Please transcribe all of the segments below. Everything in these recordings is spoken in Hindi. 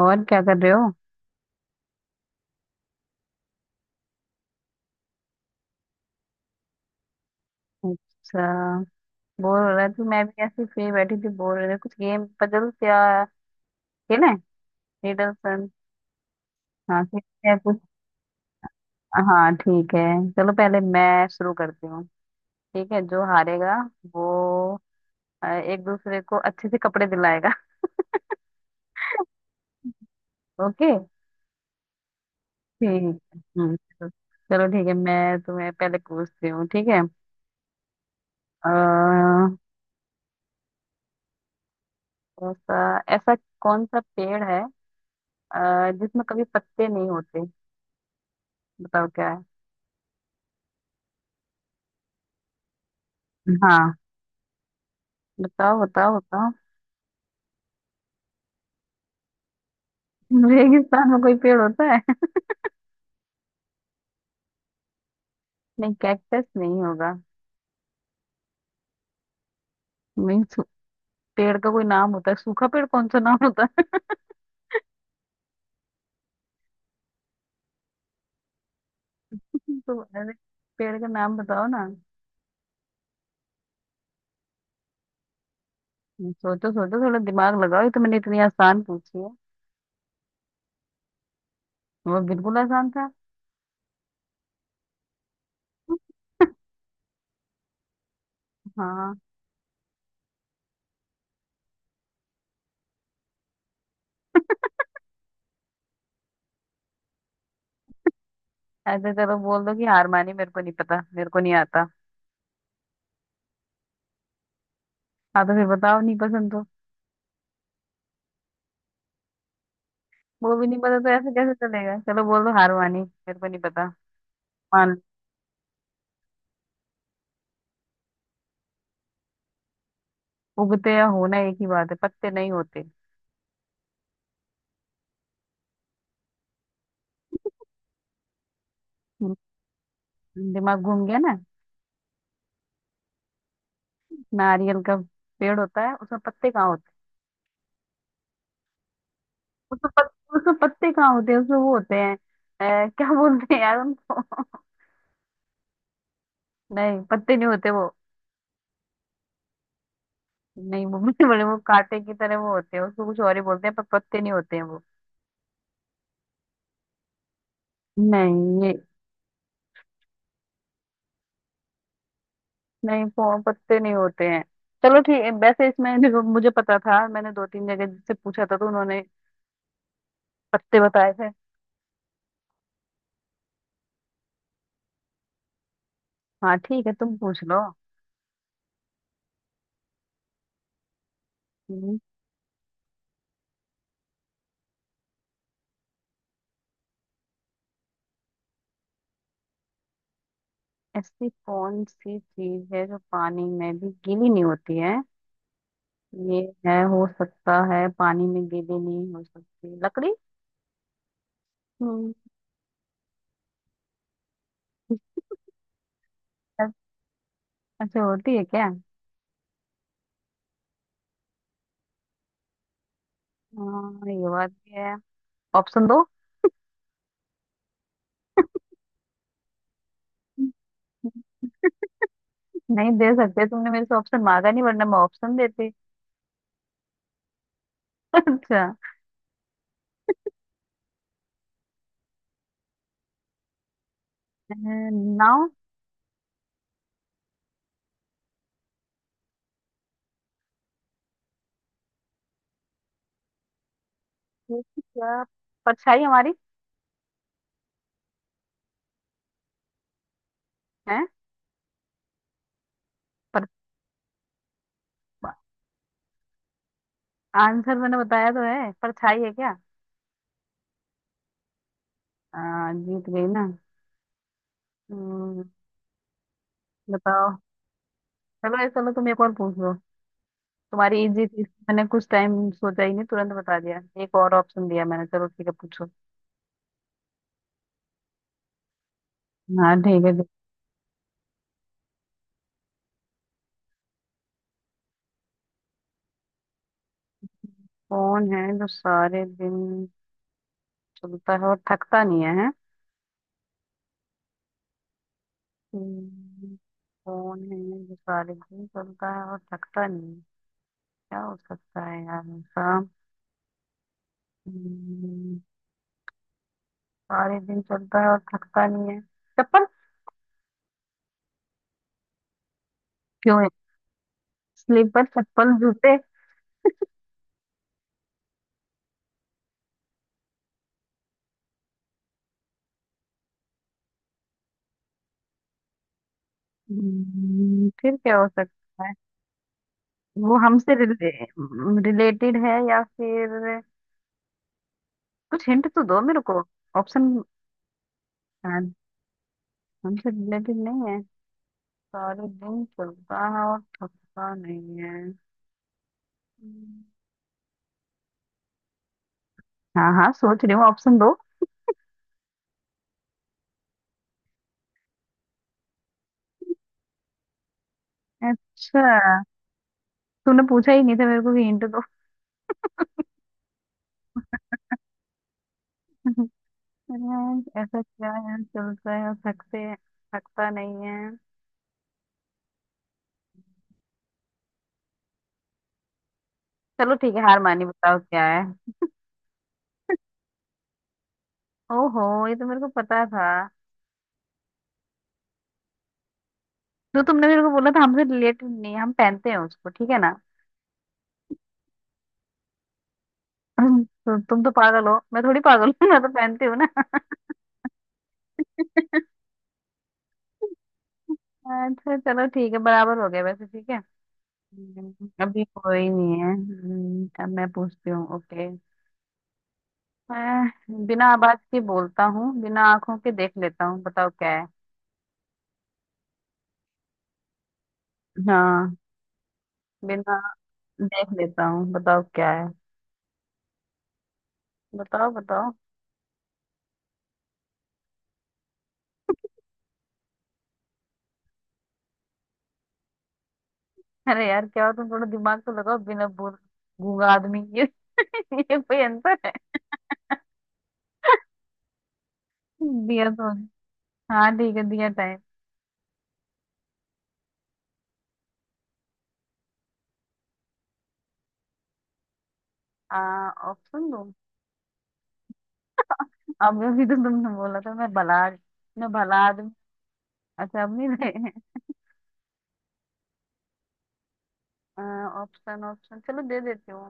और क्या कर रहे हो। अच्छा। बोर हो रहा थी, मैं भी ऐसे फ्री बैठी थी, बोर हो रही थी। कुछ गेम पजल्स या खेलें? रिडल सन। हाँ, खेलते हैं कुछ। हाँ, ठीक है। चलो पहले मैं शुरू करती हूँ। ठीक है, जो हारेगा वो एक दूसरे को अच्छे से कपड़े दिलाएगा। ओके। ठीक है, चलो। चलो ठीक है, मैं तुम्हें पहले पूछती हूँ, ठीक है। अः ऐसा ऐसा कौन सा पेड़ है जिसमें कभी पत्ते नहीं होते? बताओ क्या है। हाँ, बताओ बताओ बताओ। रेगिस्तान में कोई पेड़ होता है? नहीं, कैक्टस नहीं होगा। नहीं, पेड़ का कोई नाम होता है सूखा पेड़? कौन सा नाम होता है? तो अरे, पेड़ का नाम बताओ ना। सोचो सोचो, थोड़ा दिमाग लगाओ, ये तो मैंने इतनी आसान पूछी है। वो बिल्कुल आसान था। हाँ। ऐसे चलो बोल दो कि हार मानी, मेरे को नहीं पता, मेरे को नहीं आता। हाँ तो फिर बताओ, नहीं पसंद तो। वो भी नहीं पता तो ऐसे कैसे चलेगा, चलो बोल दो हार मानी मेरे को नहीं पता। मान लो। उगते या होना एक ही बात है, पत्ते नहीं होते। दिमाग घूम गया ना। नारियल का पेड़ होता है, उसमें पत्ते कहाँ होते हैं? उसमें पत्ते कहाँ होते हैं? उसमें वो होते हैं, क्या बोलते हैं यार उनको। नहीं, पत्ते नहीं होते वो। नहीं वो बड़े बड़े वो कांटे की तरह वो होते हैं, उसको कुछ और ही बोलते हैं, पर पत्ते नहीं होते हैं वो। नहीं, ये नहीं। वो पत्ते नहीं होते हैं। चलो ठीक है, वैसे इसमें देखो मुझे पता था, मैंने दो तीन जगह जिससे पूछा था तो उन्होंने पत्ते बताए थे। हाँ ठीक है, तुम पूछ लो। ऐसी कौन सी चीज है जो पानी में भी गीली नहीं होती है? ये है हो सकता है, पानी में गीली नहीं हो सकती लकड़ी। हम्म। ऐ- ऐसे होती है क्या? हाँ, ये बात भी है। ऑप्शन दो। नहीं दे सकते, तुमने मेरे से ऑप्शन मांगा नहीं वरना मैं ऑप्शन देती। अच्छा। नाव। ये क्या, परछाई हमारी है। पर आंसर मैंने बताया तो है, परछाई है क्या? जीत गई ना। हम्म। बताओ। चलो ऐसा, चलो तुम एक और पूछ लो। तुम्हारी इजी थी, मैंने कुछ टाइम सोचा ही नहीं, तुरंत बता दिया, एक और ऑप्शन दिया मैंने। चलो ठीक है पूछो। हाँ ठीक है, ठीक। कौन है जो सारे दिन चलता है और थकता नहीं है? हैं? हम्म, कौन है जो सारे दिन चलता है और थकता नहीं है? क्या हो सकता है यार ऐसा। हम्म, सारे दिन चलता है और थकता नहीं है। चप्पल। क्यों है? स्लीपर चप्पल जूते। फिर क्या हो सकता है? वो हमसे रिले, रिलेटेड है या फिर कुछ हिंट तो दो मेरे को। ऑप्शन। हमसे रिलेटेड नहीं है, सारे दिन चलता है और थकता नहीं है। हम्म, हाँ हाँ, सोच रही हूँ, ऑप्शन दो। अच्छा। तूने पूछा ही नहीं था मेरे को कि हिंट दो। अरे, ऐसा क्या है, चलता है और थकते थकता नहीं है। चलो ठीक है, हार मानी, बताओ क्या है। ओहो, ये तो मेरे को पता था। जो तुमने मेरे को बोला था हमसे रिलेटेड नहीं है, हम पहनते हैं उसको, ठीक है ना। तो तुम तो पागल हो, मैं थोड़ी पागल हूँ, मैं तो पहनती हूँ ना। अच्छा चलो ठीक है, बराबर हो गया वैसे, ठीक है। अभी कोई नहीं है। अब मैं पूछती हूँ। ओके। मैं बिना आवाज के बोलता हूँ, बिना आंखों के देख लेता हूँ, बताओ क्या है। हाँ। बिना देख लेता हूँ, बताओ क्या है। बताओ बताओ। अरे यार क्या हो तुम, थोड़ा दिमाग तो लगाओ। बिना बोल गूंगा आदमी, ये ये कोई आंसर है? दिया तो। हाँ ठीक है, दिया टाइम। आ ऑप्शन दो। अब अभी तो तुमने बोला था मैं भला आदमी। अच्छा, अब नहीं रहे। ऑप्शन ऑप्शन, चलो दे देती हूँ।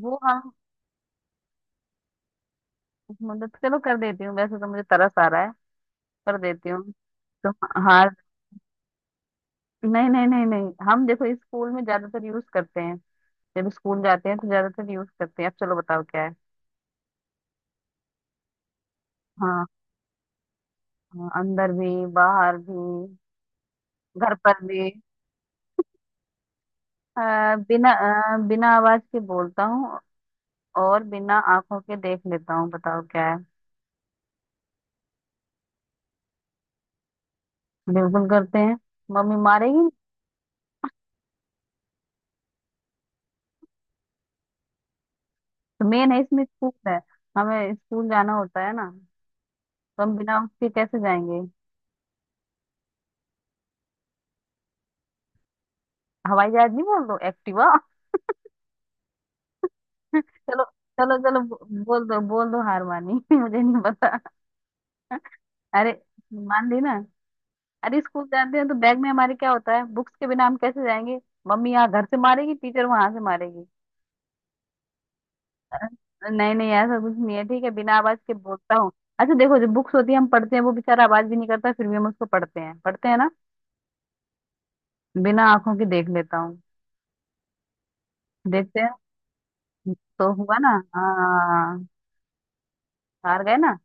वो हम मतलब चलो कर देती हूँ, वैसे तो मुझे तरस आ रहा है, कर देती हूँ। तो हार। नहीं नहीं नहीं नहीं, हम देखो, इस स्कूल में ज्यादातर यूज करते हैं, जब स्कूल जाते हैं तो ज्यादातर यूज करते हैं, अब चलो बताओ क्या है। हाँ। हाँ, अंदर भी बाहर भी, घर पर भी। अ, बिना बिना आवाज के बोलता हूँ और बिना आंखों के देख लेता हूँ, बताओ क्या है। बिल्कुल करते हैं, मम्मी मारेगी। तो मेन है इसमें स्कूल है, हमें स्कूल जाना होता है ना, तो हम बिना उसके कैसे जाएंगे। हवाई जहाज नहीं बोल दो एक्टिवा। चलो चलो चलो, बोल दो बोल दो, हार मानी। मुझे नहीं पता। अरे, मान ली ना। अरे स्कूल जाते हैं तो बैग में हमारे क्या होता है, बुक्स के बिना हम कैसे जाएंगे। मम्मी यहाँ घर से मारेगी, टीचर वहां से मारेगी। नहीं नहीं, ऐसा कुछ नहीं है, ठीक है। बिना आवाज के बोलता हूँ, अच्छा देखो जो बुक्स होती है हम पढ़ते हैं, वो बेचारा आवाज भी नहीं करता, फिर भी हम उसको पढ़ते हैं, पढ़ते हैं ना। बिना आंखों के देख लेता हूँ, देखते हैं तो हुआ ना। हाँ, हार गए ना।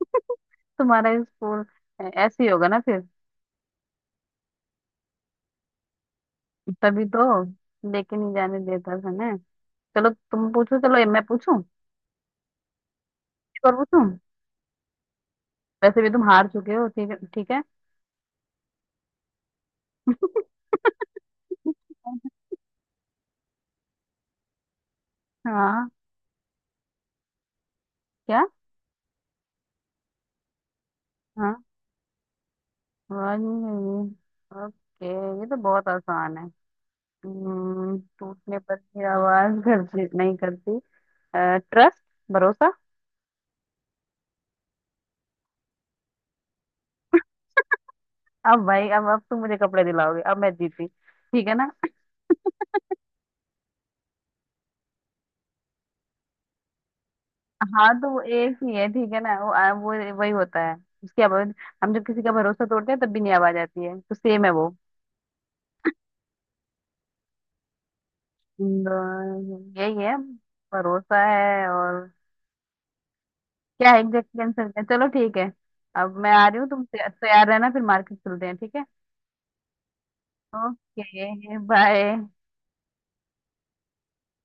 तुम्हारा स्कूल ऐसे ही होगा ना फिर। तभी तो लेके नहीं जाने देता था ना। चलो तुम पूछो, चलो ये मैं पूछूं, एक और पूछूं, वैसे भी तुम हार चुके हो, ठीक है ठीक है। हाँ। क्या। हाँ। वन। ओके ये तो बहुत आसान है। टूटने पर भी आवाज घर नहीं करती। ट्रस्ट, भरोसा। अब भाई अब तुम मुझे कपड़े दिलाओगे, अब मैं जीती, ठीक है ना। हाँ तो वो एक ही है, ठीक है ना। वो वो वही होता है, उसकी आवाज। हम जब किसी का भरोसा तोड़ते हैं तब भी नहीं आवाज आती है, तो सेम है वो। यही है, भरोसा है और क्या है, एग्जैक्ट आंसर क्या है? चलो ठीक है। अब मैं आ रही हूँ, तुम तैयार रहना, फिर मार्केट चलते हैं, ठीक है। Okay, bye.